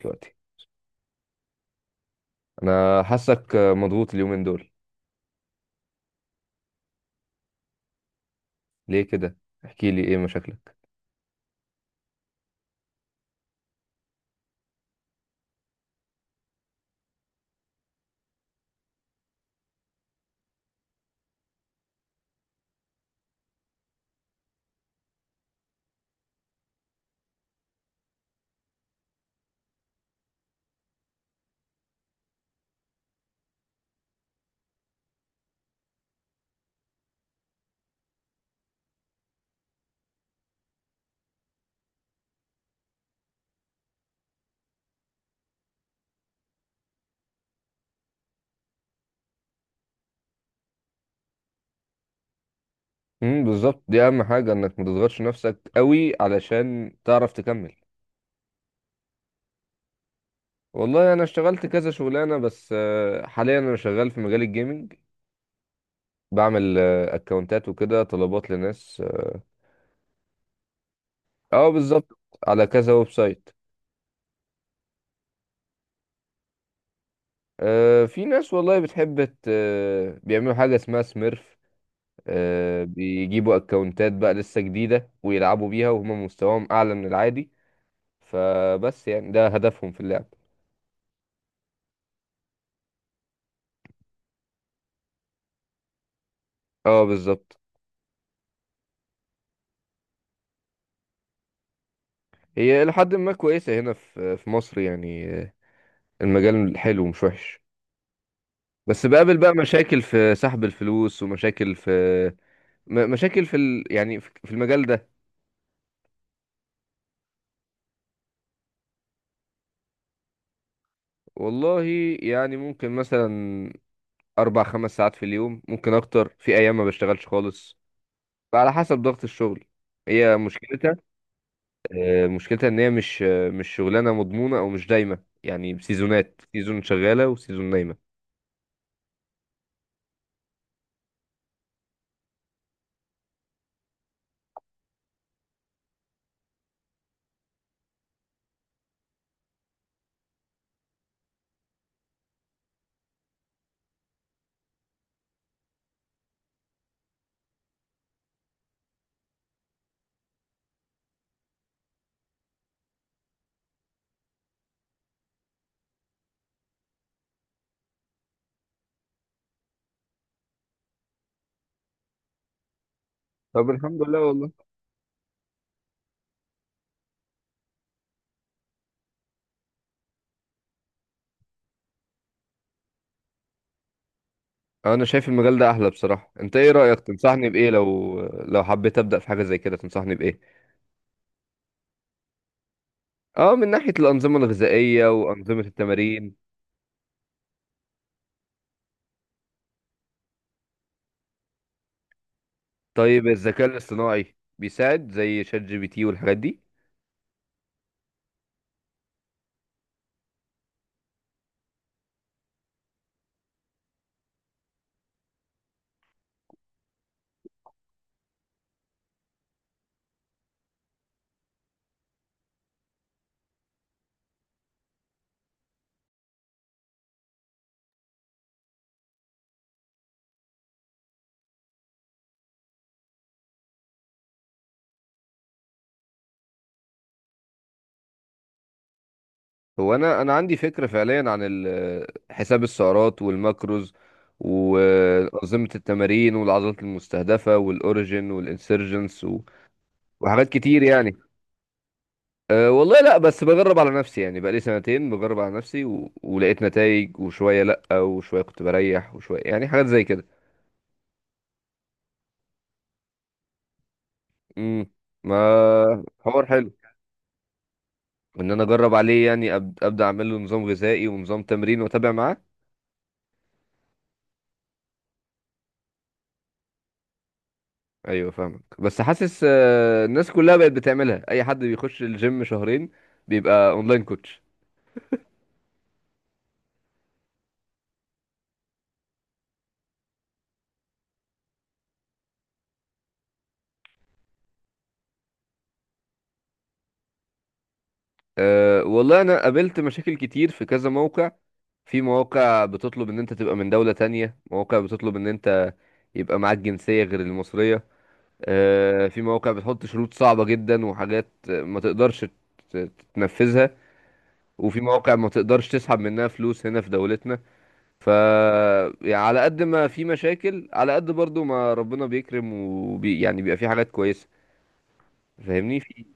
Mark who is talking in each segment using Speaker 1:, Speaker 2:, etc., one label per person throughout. Speaker 1: دلوقتي انا حاسك مضغوط اليومين دول. ليه كده؟ احكي لي ايه مشاكلك. بالظبط، دي اهم حاجه انك ما تضغطش نفسك قوي علشان تعرف تكمل. والله انا اشتغلت كذا شغلانه، بس حاليا انا شغال في مجال الجيمنج. بعمل اكونتات وكده، طلبات لناس. اه بالظبط. على كذا ويب سايت. في ناس والله بتحب بيعملوا حاجه اسمها سميرف. بيجيبوا اكونتات بقى لسه جديده ويلعبوا بيها وهم مستواهم اعلى من العادي. فبس يعني ده هدفهم في اللعب. اه بالظبط. هي لحد ما كويسة هنا في مصر يعني. المجال حلو مش وحش. بس بقابل بقى مشاكل في سحب الفلوس ومشاكل في مشاكل يعني في المجال ده. والله يعني ممكن مثلا أربع خمس ساعات في اليوم، ممكن أكتر في أيام ما بشتغلش خالص. على حسب ضغط الشغل. هي مشكلتها، مشكلتها إن هي مش شغلانة مضمونة أو مش دايمة، يعني سيزونات، سيزون شغالة وسيزون نايمة. طب الحمد لله والله. انا شايف المجال ده احلى بصراحه، انت ايه رايك؟ تنصحني بايه؟ لو حبيت ابدا في حاجه زي كده تنصحني بايه؟ اه، من ناحيه الانظمه الغذائيه وانظمه التمارين. طيب الذكاء الاصطناعي بيساعد زي شات جي بي تي والحاجات دي؟ هو انا عندي فكره فعليا عن حساب السعرات والماكروز وانظمه التمارين والعضلات المستهدفه والاوريجين والانسرجنس وحاجات كتير يعني. أه والله لا، بس بجرب على نفسي يعني بقالي سنتين بجرب على نفسي ولقيت نتائج، وشوية لا وشوية كنت بريح، وشوية يعني حاجات زي كده. امم. ما حوار حلو ان انا اجرب عليه يعني ابدا اعمل له نظام غذائي ونظام تمرين واتابع معاه. ايوه فاهمك، بس حاسس أه الناس كلها بقت بتعملها، اي حد بيخش الجيم شهرين بيبقى اونلاين كوتش. أه والله انا قابلت مشاكل كتير في كذا موقع. في مواقع بتطلب ان انت تبقى من دولة تانية، مواقع بتطلب ان انت يبقى معاك جنسية غير المصرية. في مواقع بتحط شروط صعبة جدا وحاجات ما تقدرش تنفذها. وفي مواقع ما تقدرش تسحب منها فلوس هنا في دولتنا. ف، يعني على قد ما في مشاكل، على قد برضو ما ربنا بيكرم وبي يعني بيبقى في حاجات كويسة. فاهمني؟ في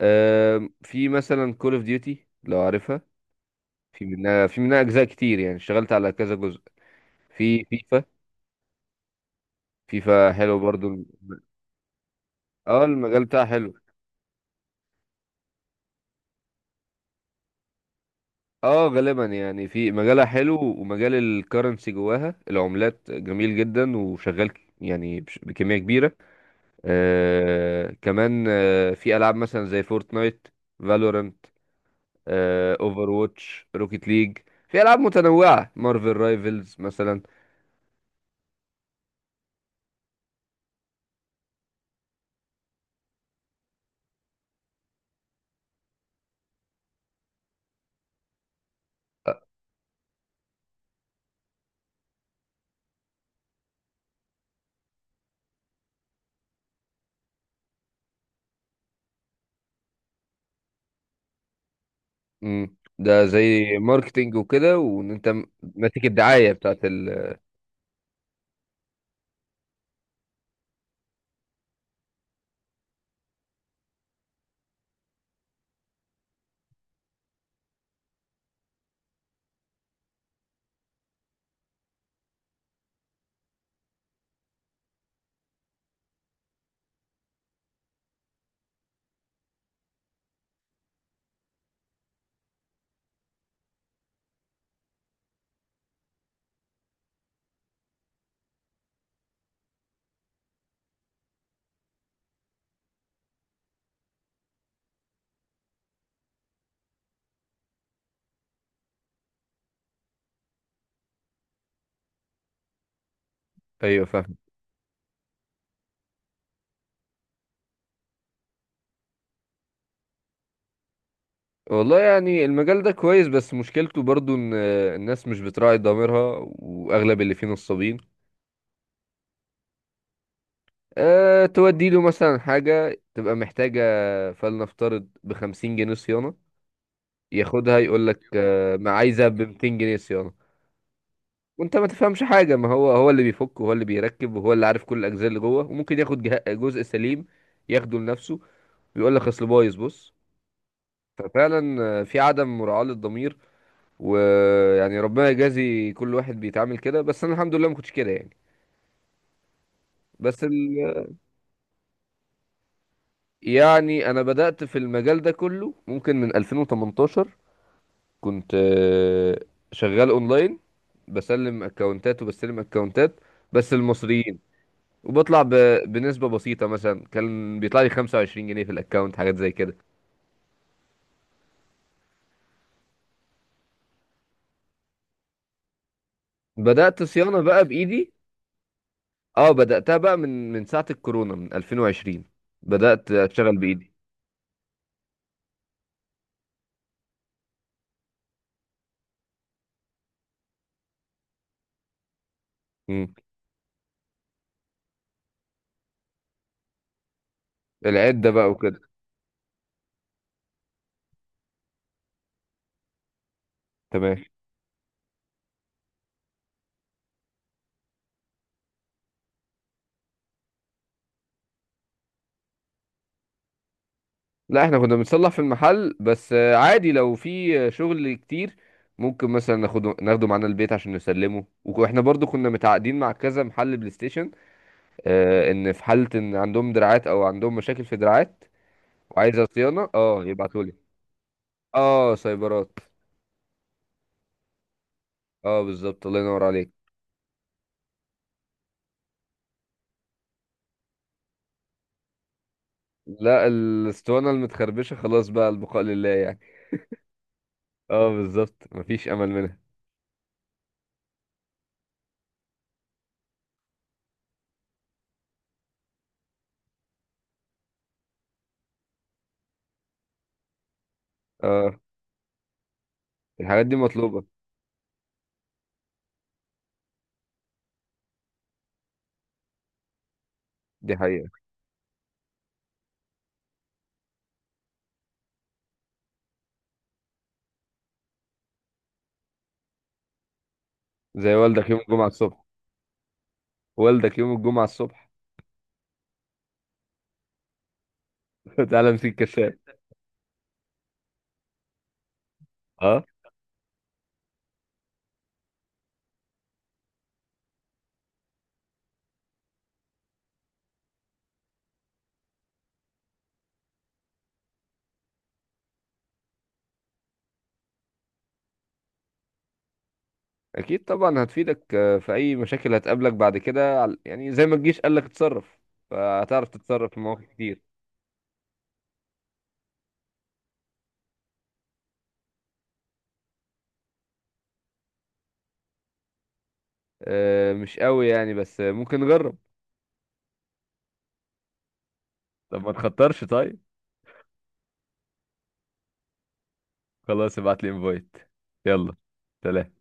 Speaker 1: في مثلا كول اوف ديوتي لو عارفها. في منها اجزاء كتير يعني اشتغلت على كذا جزء. في فيفا. فيفا حلو برضو اه، المجال بتاعها حلو. اه غالبا يعني في مجالها حلو، ومجال الكرنسي جواها، العملات جميل جدا وشغال يعني بكمية كبيرة. آه كمان آه في ألعاب مثلا زي فورتنايت، فالورانت، آه اوفر واتش، روكيت ليج. في ألعاب متنوعة، مارفل رايفلز مثلا. آه، مم. ده زي ماركتينج وكده وان انت ماسك الدعاية بتاعت ال. ايوه فاهم. والله يعني المجال ده كويس، بس مشكلته برضو ان الناس مش بتراعي ضميرها، واغلب اللي فيه نصابين. أه، تودي له مثلا حاجة تبقى محتاجة، فلنفترض بخمسين جنيه صيانة، ياخدها يقول لك ما عايزها بمتين جنيه صيانة. وانت ما تفهمش حاجة، ما هو هو اللي بيفك وهو اللي بيركب وهو اللي عارف كل الأجزاء اللي جوه، وممكن ياخد جزء سليم ياخده لنفسه ويقول لك اصل بايظ، بص. ففعلا في عدم مراعاة للضمير. ويعني ربنا يجازي كل واحد بيتعامل كده، بس انا الحمد لله ما كنتش كده يعني. بس ال... يعني انا بدأت في المجال ده كله ممكن من 2018. كنت شغال اونلاين، بسلم اكونتات وبستلم اكونتات بس المصريين. وبطلع ب... بنسبة بسيطة مثلا كان بيطلع لي 25 جنيه في الاكونت، حاجات زي كده. بدأت صيانة بقى بإيدي. اه، بدأتها بقى من ساعة الكورونا، من 2020. بدأت اشتغل بإيدي. مم. العدة بقى وكده. تمام. لا، احنا كنا بنصلح في المحل، بس عادي لو في شغل كتير ممكن مثلا ناخده معانا البيت عشان نسلمه. واحنا برضو كنا متعاقدين مع كذا محل بلاي ستيشن. اه، ان في حالة ان عندهم دراعات او عندهم مشاكل في دراعات وعايزة صيانة، اه يبعتولي. اه سايبرات، اه بالظبط الله ينور عليك. لا، الاسطوانة المتخربشة خلاص بقى البقاء لله يعني. اه بالظبط، مفيش امل منها. اه الحاجات دي مطلوبة. دي حقيقة. زي والدك يوم الجمعة الصبح، والدك يوم الجمعة الصبح تعالى امسك كشاف. اه اكيد طبعا هتفيدك في اي مشاكل هتقابلك بعد كده، يعني زي ما الجيش قال لك اتصرف. فهتعرف تتصرف في مواقف كتير. مش قوي يعني، بس ممكن نجرب. طب ما نخطرش طيب. خلاص ابعت لي انفايت. يلا سلام.